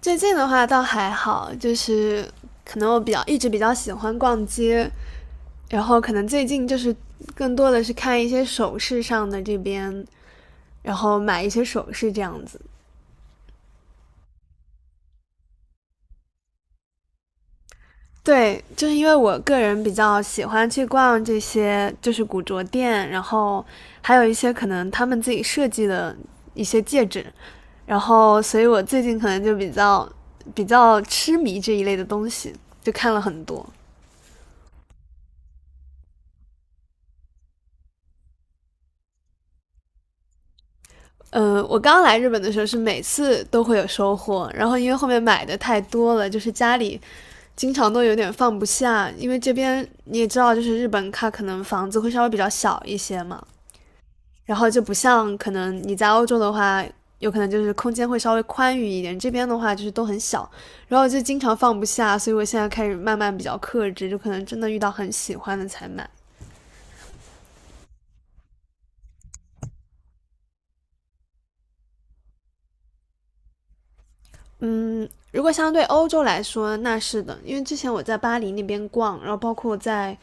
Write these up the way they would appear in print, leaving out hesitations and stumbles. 最近的话倒还好，就是可能我一直比较喜欢逛街，然后可能最近就是更多的是看一些首饰上的这边，然后买一些首饰这样子。对，就是因为我个人比较喜欢去逛这些就是古着店，然后还有一些可能他们自己设计的一些戒指，然后所以我最近可能就比较痴迷这一类的东西，就看了很多。我刚来日本的时候是每次都会有收获，然后因为后面买的太多了，就是家里经常都有点放不下，因为这边你也知道，就是日本它可能房子会稍微比较小一些嘛，然后就不像可能你在欧洲的话，有可能就是空间会稍微宽裕一点，这边的话就是都很小，然后就经常放不下，所以我现在开始慢慢比较克制，就可能真的遇到很喜欢的才买。如果相对欧洲来说，那是的，因为之前我在巴黎那边逛，然后包括在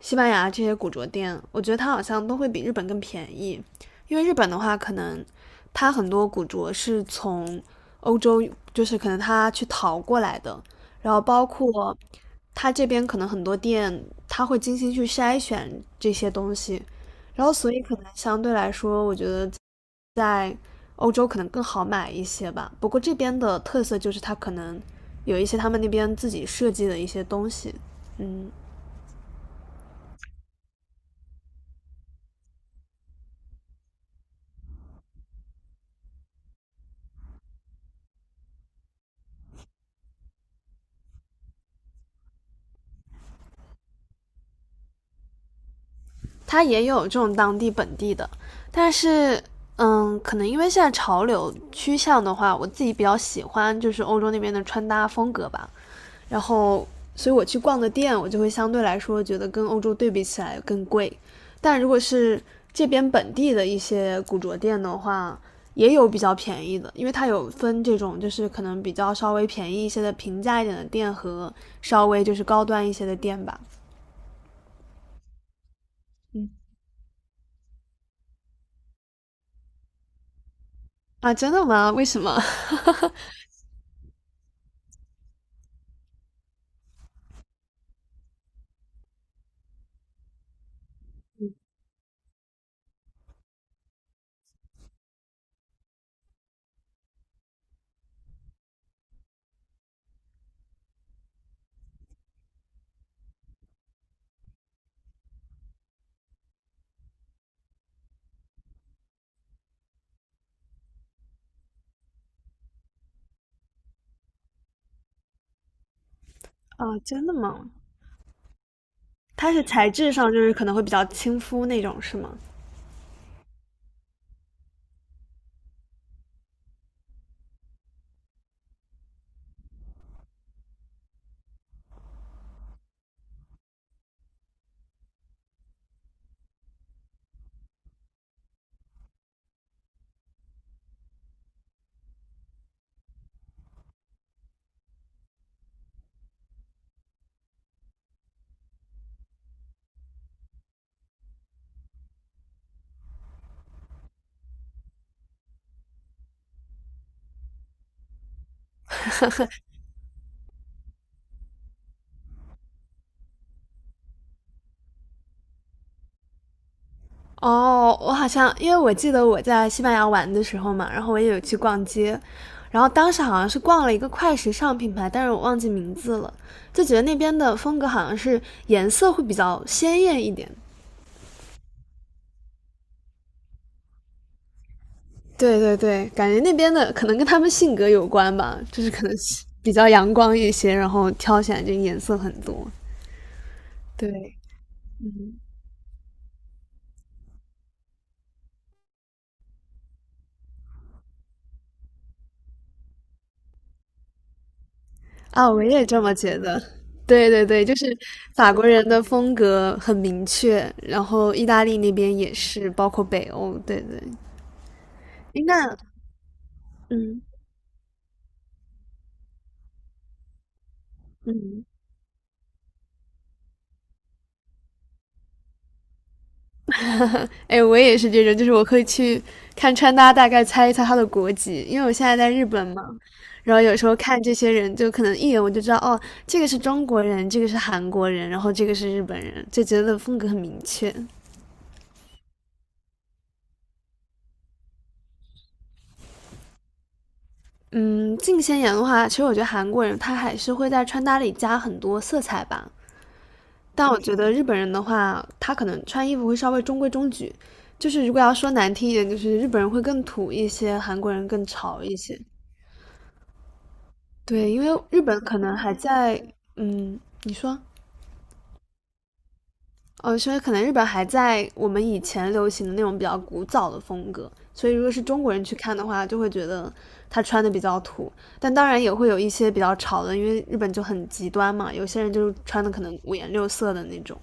西班牙这些古着店，我觉得它好像都会比日本更便宜，因为日本的话，可能它很多古着是从欧洲，就是可能它去淘过来的，然后包括它这边可能很多店，它会精心去筛选这些东西，然后所以可能相对来说，我觉得在欧洲可能更好买一些吧。不过这边的特色就是它可能有一些他们那边自己设计的一些东西。嗯，它也有这种当地本地的，但是嗯，可能因为现在潮流趋向的话，我自己比较喜欢就是欧洲那边的穿搭风格吧，然后所以我去逛的店，我就会相对来说觉得跟欧洲对比起来更贵，但如果是这边本地的一些古着店的话，也有比较便宜的，因为它有分这种就是可能比较稍微便宜一些的平价一点的店和稍微就是高端一些的店吧。啊，真的吗？为什么？啊，真的吗？它是材质上就是可能会比较亲肤那种，是吗？哦，我好像因为我记得我在西班牙玩的时候嘛，然后我也有去逛街，然后当时好像是逛了一个快时尚品牌，但是我忘记名字了，就觉得那边的风格好像是颜色会比较鲜艳一点。对对对，感觉那边的可能跟他们性格有关吧，就是可能是比较阳光一些，然后挑起来就颜色很多。对，啊，我也这么觉得。对对对，就是法国人的风格很明确，然后意大利那边也是，包括北欧。对对，诶那嗯嗯，哎，我也是这种，就是我可以去看穿搭，大概猜一猜他的国籍，因为我现在在日本嘛，然后有时候看这些人，就可能一眼我就知道，哦，这个是中国人，这个是韩国人，然后这个是日本人，就觉得风格很明确。嗯，近些年的话，其实我觉得韩国人他还是会在穿搭里加很多色彩吧。但我觉得日本人的话，他可能穿衣服会稍微中规中矩，就是如果要说难听一点，就是日本人会更土一些，韩国人更潮一些。对，因为日本可能还在，嗯，你说，哦，所以可能日本还在我们以前流行的那种比较古早的风格，所以如果是中国人去看的话，就会觉得他穿的比较土，但当然也会有一些比较潮的，因为日本就很极端嘛，有些人就是穿的可能五颜六色的那种。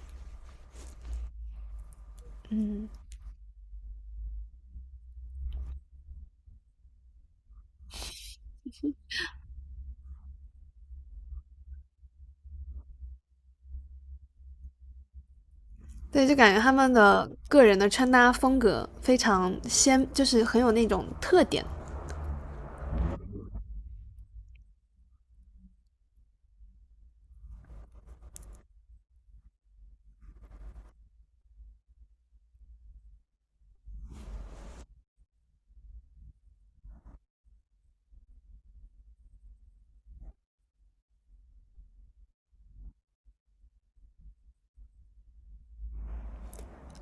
对，就感觉他们的个人的穿搭风格非常鲜，就是很有那种特点。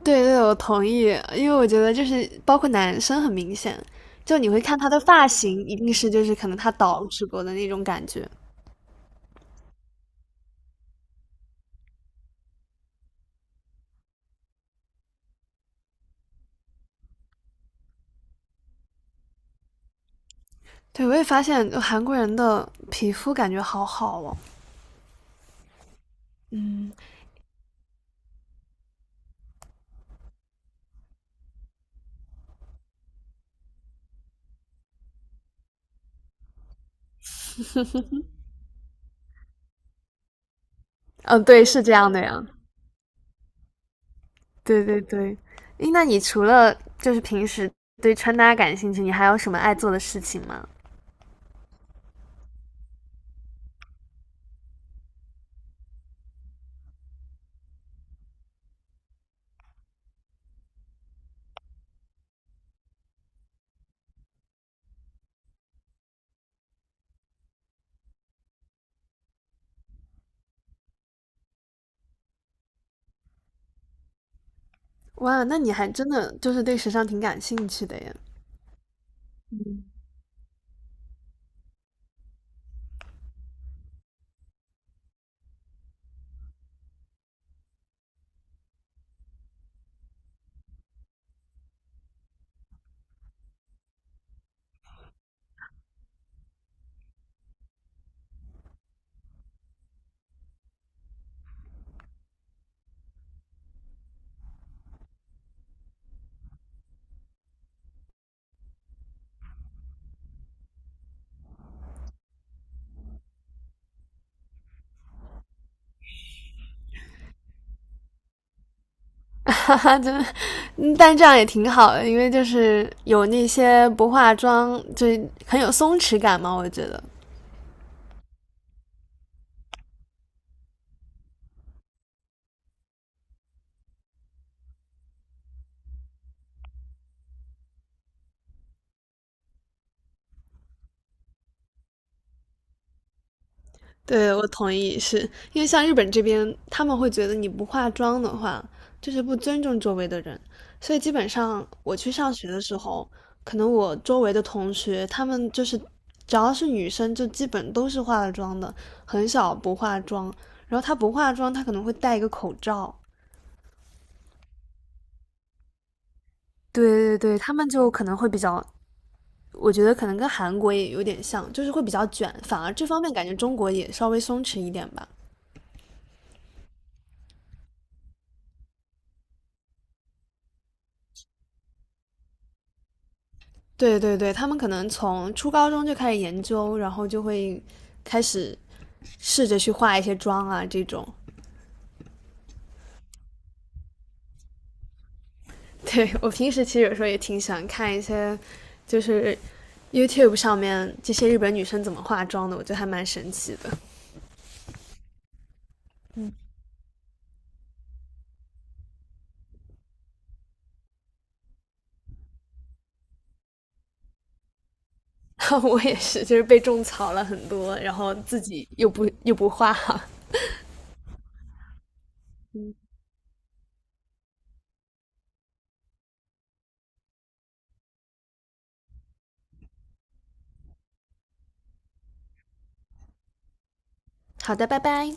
对对，我同意，因为我觉得就是包括男生很明显，就你会看他的发型，一定是就是可能他捯直播的那种感觉。对，我也发现韩国人的皮肤感觉好好哦。嗯嗯，对，是这样的呀。对对对，诶那你除了就是平时对穿搭感兴趣，你还有什么爱做的事情吗？哇，那你还真的就是对时尚挺感兴趣的耶。哈哈，就，嗯但这样也挺好的，因为就是有那些不化妆，就很有松弛感嘛。我觉得，对我同意，是因为像日本这边，他们会觉得你不化妆的话，就是不尊重周围的人，所以基本上我去上学的时候，可能我周围的同学，他们就是只要是女生，就基本都是化了妆的，很少不化妆。然后她不化妆，她可能会戴一个口罩。对对对，他们就可能会比较我觉得可能跟韩国也有点像，就是会比较卷，反而这方面感觉中国也稍微松弛一点吧。对对对，他们可能从初高中就开始研究，然后就会开始试着去化一些妆啊这种。对我平时其实有时候也挺喜欢看一些，就是 YouTube 上面这些日本女生怎么化妆的，我觉得还蛮神奇的。我也是，就是被种草了很多，然后自己又不化。好的，拜拜。